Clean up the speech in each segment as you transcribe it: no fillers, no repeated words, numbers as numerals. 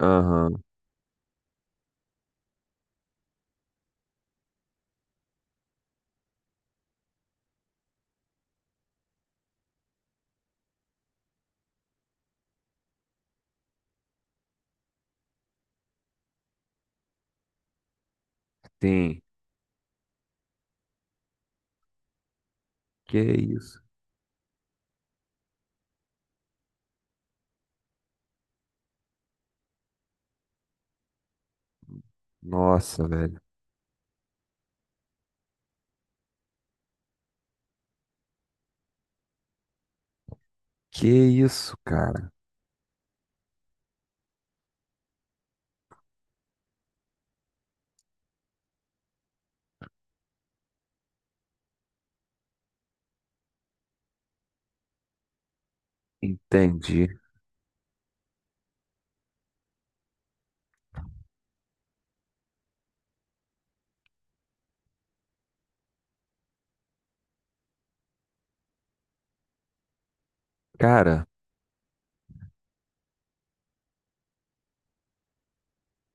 Aham, tem. Que isso? Nossa, velho. Que isso, cara? Entendi. Cara,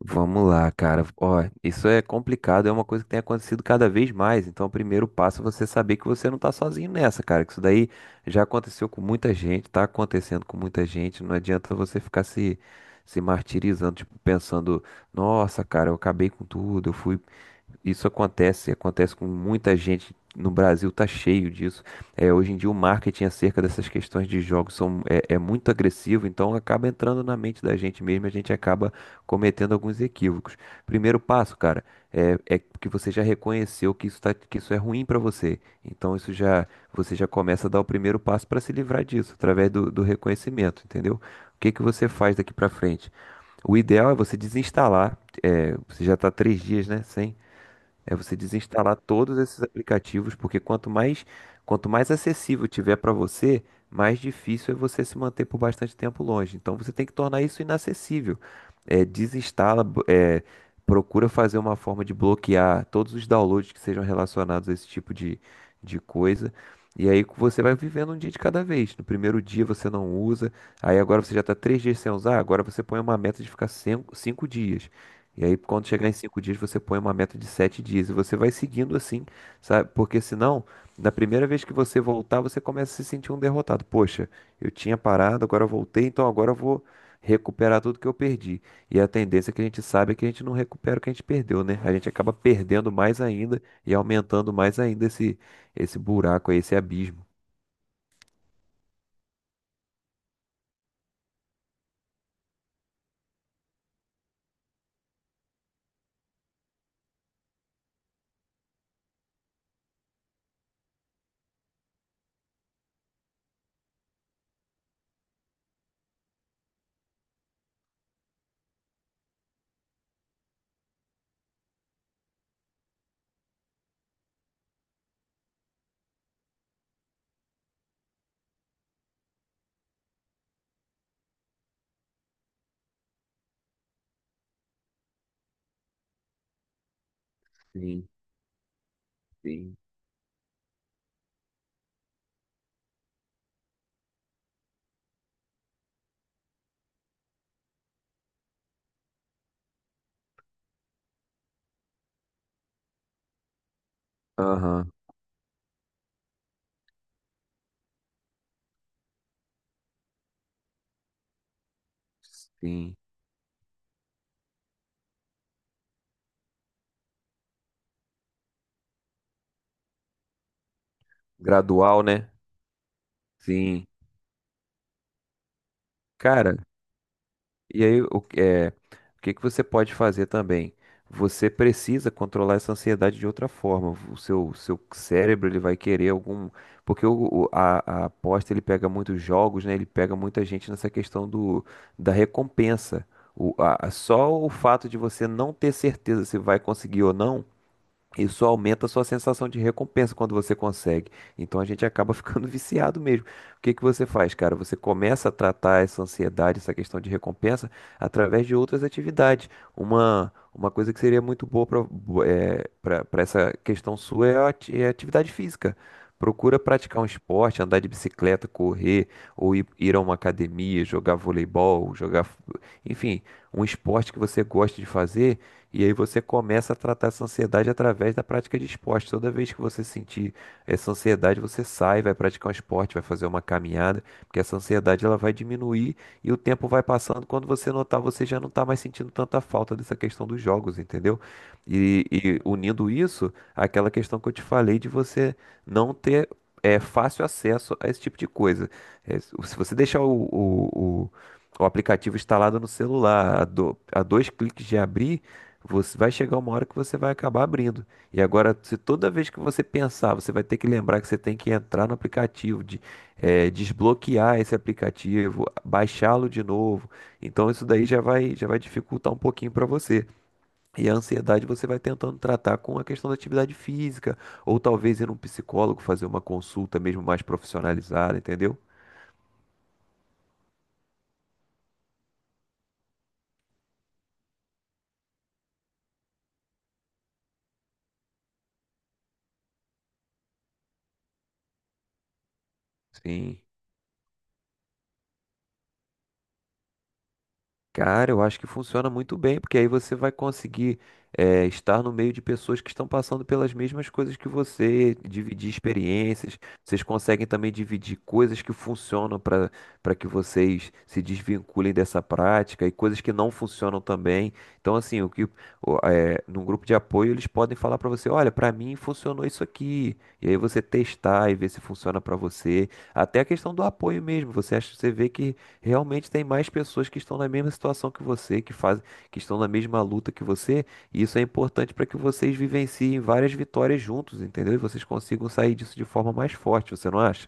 vamos lá, cara. Ó, isso é complicado, é uma coisa que tem acontecido cada vez mais. Então, o primeiro passo é você saber que você não tá sozinho nessa, cara. Que isso daí já aconteceu com muita gente, tá acontecendo com muita gente. Não adianta você ficar se martirizando, tipo, pensando, nossa, cara, eu acabei com tudo, eu fui. Isso acontece, acontece com muita gente. No Brasil tá cheio disso. É, hoje em dia o marketing acerca dessas questões de jogos são, é muito agressivo, então acaba entrando na mente da gente mesmo, e a gente acaba cometendo alguns equívocos. Primeiro passo, cara, é que você já reconheceu que isso tá, que isso é ruim para você. Então isso já, você já começa a dar o primeiro passo para se livrar disso, através do reconhecimento, entendeu? O que que você faz daqui para frente? O ideal é você desinstalar. É, você já está 3 dias, né, sem, é, você desinstalar todos esses aplicativos, porque quanto mais acessível tiver para você, mais difícil é você se manter por bastante tempo longe. Então você tem que tornar isso inacessível. É, desinstala, procura fazer uma forma de bloquear todos os downloads que sejam relacionados a esse tipo de coisa. E aí você vai vivendo um dia de cada vez. No primeiro dia você não usa, aí agora você já está três dias sem usar, agora você põe uma meta de ficar cinco dias. E aí, quando chegar em 5 dias, você põe uma meta de 7 dias e você vai seguindo assim, sabe? Porque senão, na primeira vez que você voltar, você começa a se sentir um derrotado. Poxa, eu tinha parado, agora eu voltei, então agora eu vou recuperar tudo que eu perdi. E a tendência que a gente sabe é que a gente não recupera o que a gente perdeu, né? A gente acaba perdendo mais ainda e aumentando mais ainda esse buraco aí, esse abismo. Sim, sim. Aham, sim. Gradual, né? Sim. Cara, e aí, o que que você pode fazer também? Você precisa controlar essa ansiedade de outra forma. O seu cérebro ele vai querer algum. Porque a aposta ele pega muitos jogos, né? Ele pega muita gente nessa questão da recompensa. Só o fato de você não ter certeza se vai conseguir ou não, isso aumenta a sua sensação de recompensa quando você consegue. Então a gente acaba ficando viciado mesmo. O que que você faz, cara? Você começa a tratar essa ansiedade, essa questão de recompensa, através de outras atividades. Uma coisa que seria muito boa para essa questão sua é a atividade física. Procura praticar um esporte, andar de bicicleta, correr, ou ir a uma academia, jogar voleibol, enfim, um esporte que você gosta de fazer, e aí você começa a tratar essa ansiedade através da prática de esporte. Toda vez que você sentir essa ansiedade, você sai, vai praticar um esporte, vai fazer uma caminhada, porque essa ansiedade ela vai diminuir e o tempo vai passando. Quando você notar, você já não está mais sentindo tanta falta dessa questão dos jogos, entendeu? E unindo isso àquela questão que eu te falei de você não ter, é, fácil acesso a esse tipo de coisa. É, se você deixar o aplicativo instalado no celular a, a dois cliques de abrir, você vai chegar uma hora que você vai acabar abrindo. E agora, se toda vez que você pensar, você vai ter que lembrar que você tem que entrar no aplicativo, desbloquear esse aplicativo, baixá-lo de novo. Então, isso daí já vai dificultar um pouquinho para você. E a ansiedade você vai tentando tratar com a questão da atividade física, ou talvez ir num psicólogo fazer uma consulta mesmo mais profissionalizada, entendeu? Sim. Cara, eu acho que funciona muito bem, porque aí você vai conseguir, estar no meio de pessoas que estão passando pelas mesmas coisas que você, dividir experiências. Vocês conseguem também dividir coisas que funcionam para que vocês se desvinculem dessa prática, e coisas que não funcionam também. Então, assim, o que o, eh, num grupo de apoio eles podem falar para você, olha, para mim funcionou isso aqui. E aí você testar e ver se funciona para você. Até a questão do apoio mesmo. Você acha, você vê que realmente tem mais pessoas que estão na mesma situação que você, que fazem, que estão na mesma luta que você, e isso é importante para que vocês vivenciem várias vitórias juntos, entendeu? E vocês consigam sair disso de forma mais forte, você não acha?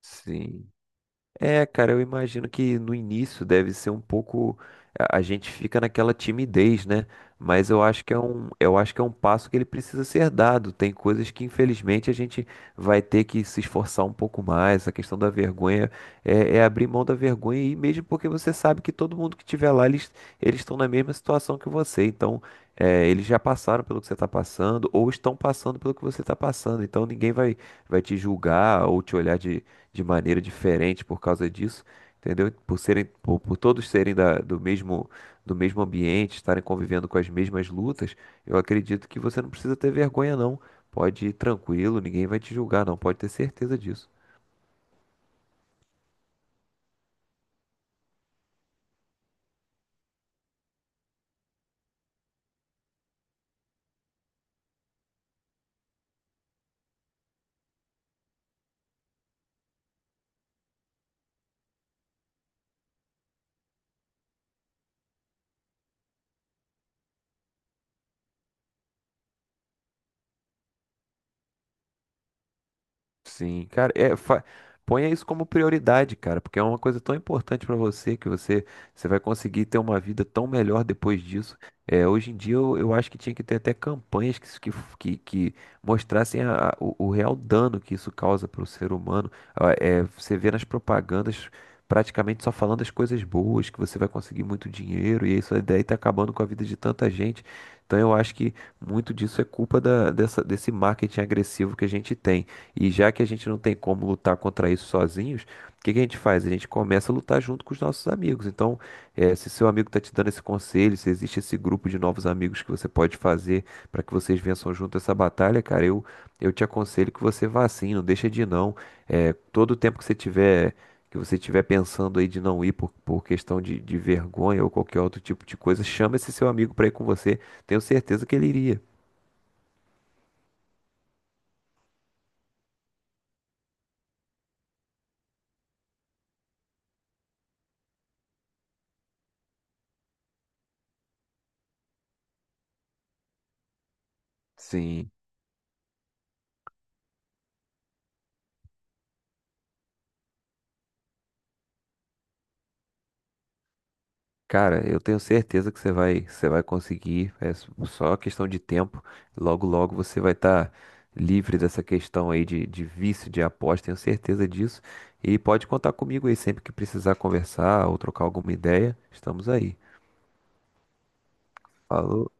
Sim. É, cara, eu imagino que no início deve ser um pouco, a gente fica naquela timidez, né? Mas eu acho que é um, eu acho que é um passo que ele precisa ser dado. Tem coisas que infelizmente a gente vai ter que se esforçar um pouco mais. A questão da vergonha é, é abrir mão da vergonha, e mesmo porque você sabe que todo mundo que estiver lá, eles estão na mesma situação que você. Então, é, eles já passaram pelo que você está passando ou estão passando pelo que você está passando. Então, ninguém vai te julgar ou te olhar de maneira diferente por causa disso, entendeu? Por serem, por todos serem do mesmo ambiente, estarem convivendo com as mesmas lutas, eu acredito que você não precisa ter vergonha, não. Pode ir tranquilo, ninguém vai te julgar, não. Pode ter certeza disso. Sim, cara, ponha isso como prioridade, cara, porque é uma coisa tão importante pra você, que você, você vai conseguir ter uma vida tão melhor depois disso. É, hoje em dia eu acho que tinha que ter até campanhas que mostrassem o real dano que isso causa para o ser humano. Ah, é, você vê nas propagandas praticamente só falando as coisas boas, que você vai conseguir muito dinheiro, e isso daí tá acabando com a vida de tanta gente. Então eu acho que muito disso é culpa dessa, desse marketing agressivo que a gente tem. E já que a gente não tem como lutar contra isso sozinhos, o que que a gente faz? A gente começa a lutar junto com os nossos amigos. Então, eh, se seu amigo está te dando esse conselho, se existe esse grupo de novos amigos que você pode fazer para que vocês vençam junto essa batalha, cara, eu te aconselho que você vá sim, não deixa de ir não. Eh, todo o tempo que você tiver pensando aí de não ir por questão de vergonha ou qualquer outro tipo de coisa, chama esse seu amigo para ir com você. Tenho certeza que ele iria. Sim. Cara, eu tenho certeza que você vai conseguir. É só questão de tempo. Logo, logo você vai estar livre dessa questão aí de vício de aposta. Tenho certeza disso. E pode contar comigo aí sempre que precisar conversar ou trocar alguma ideia. Estamos aí. Falou.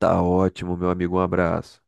Tá ótimo, meu amigo. Um abraço.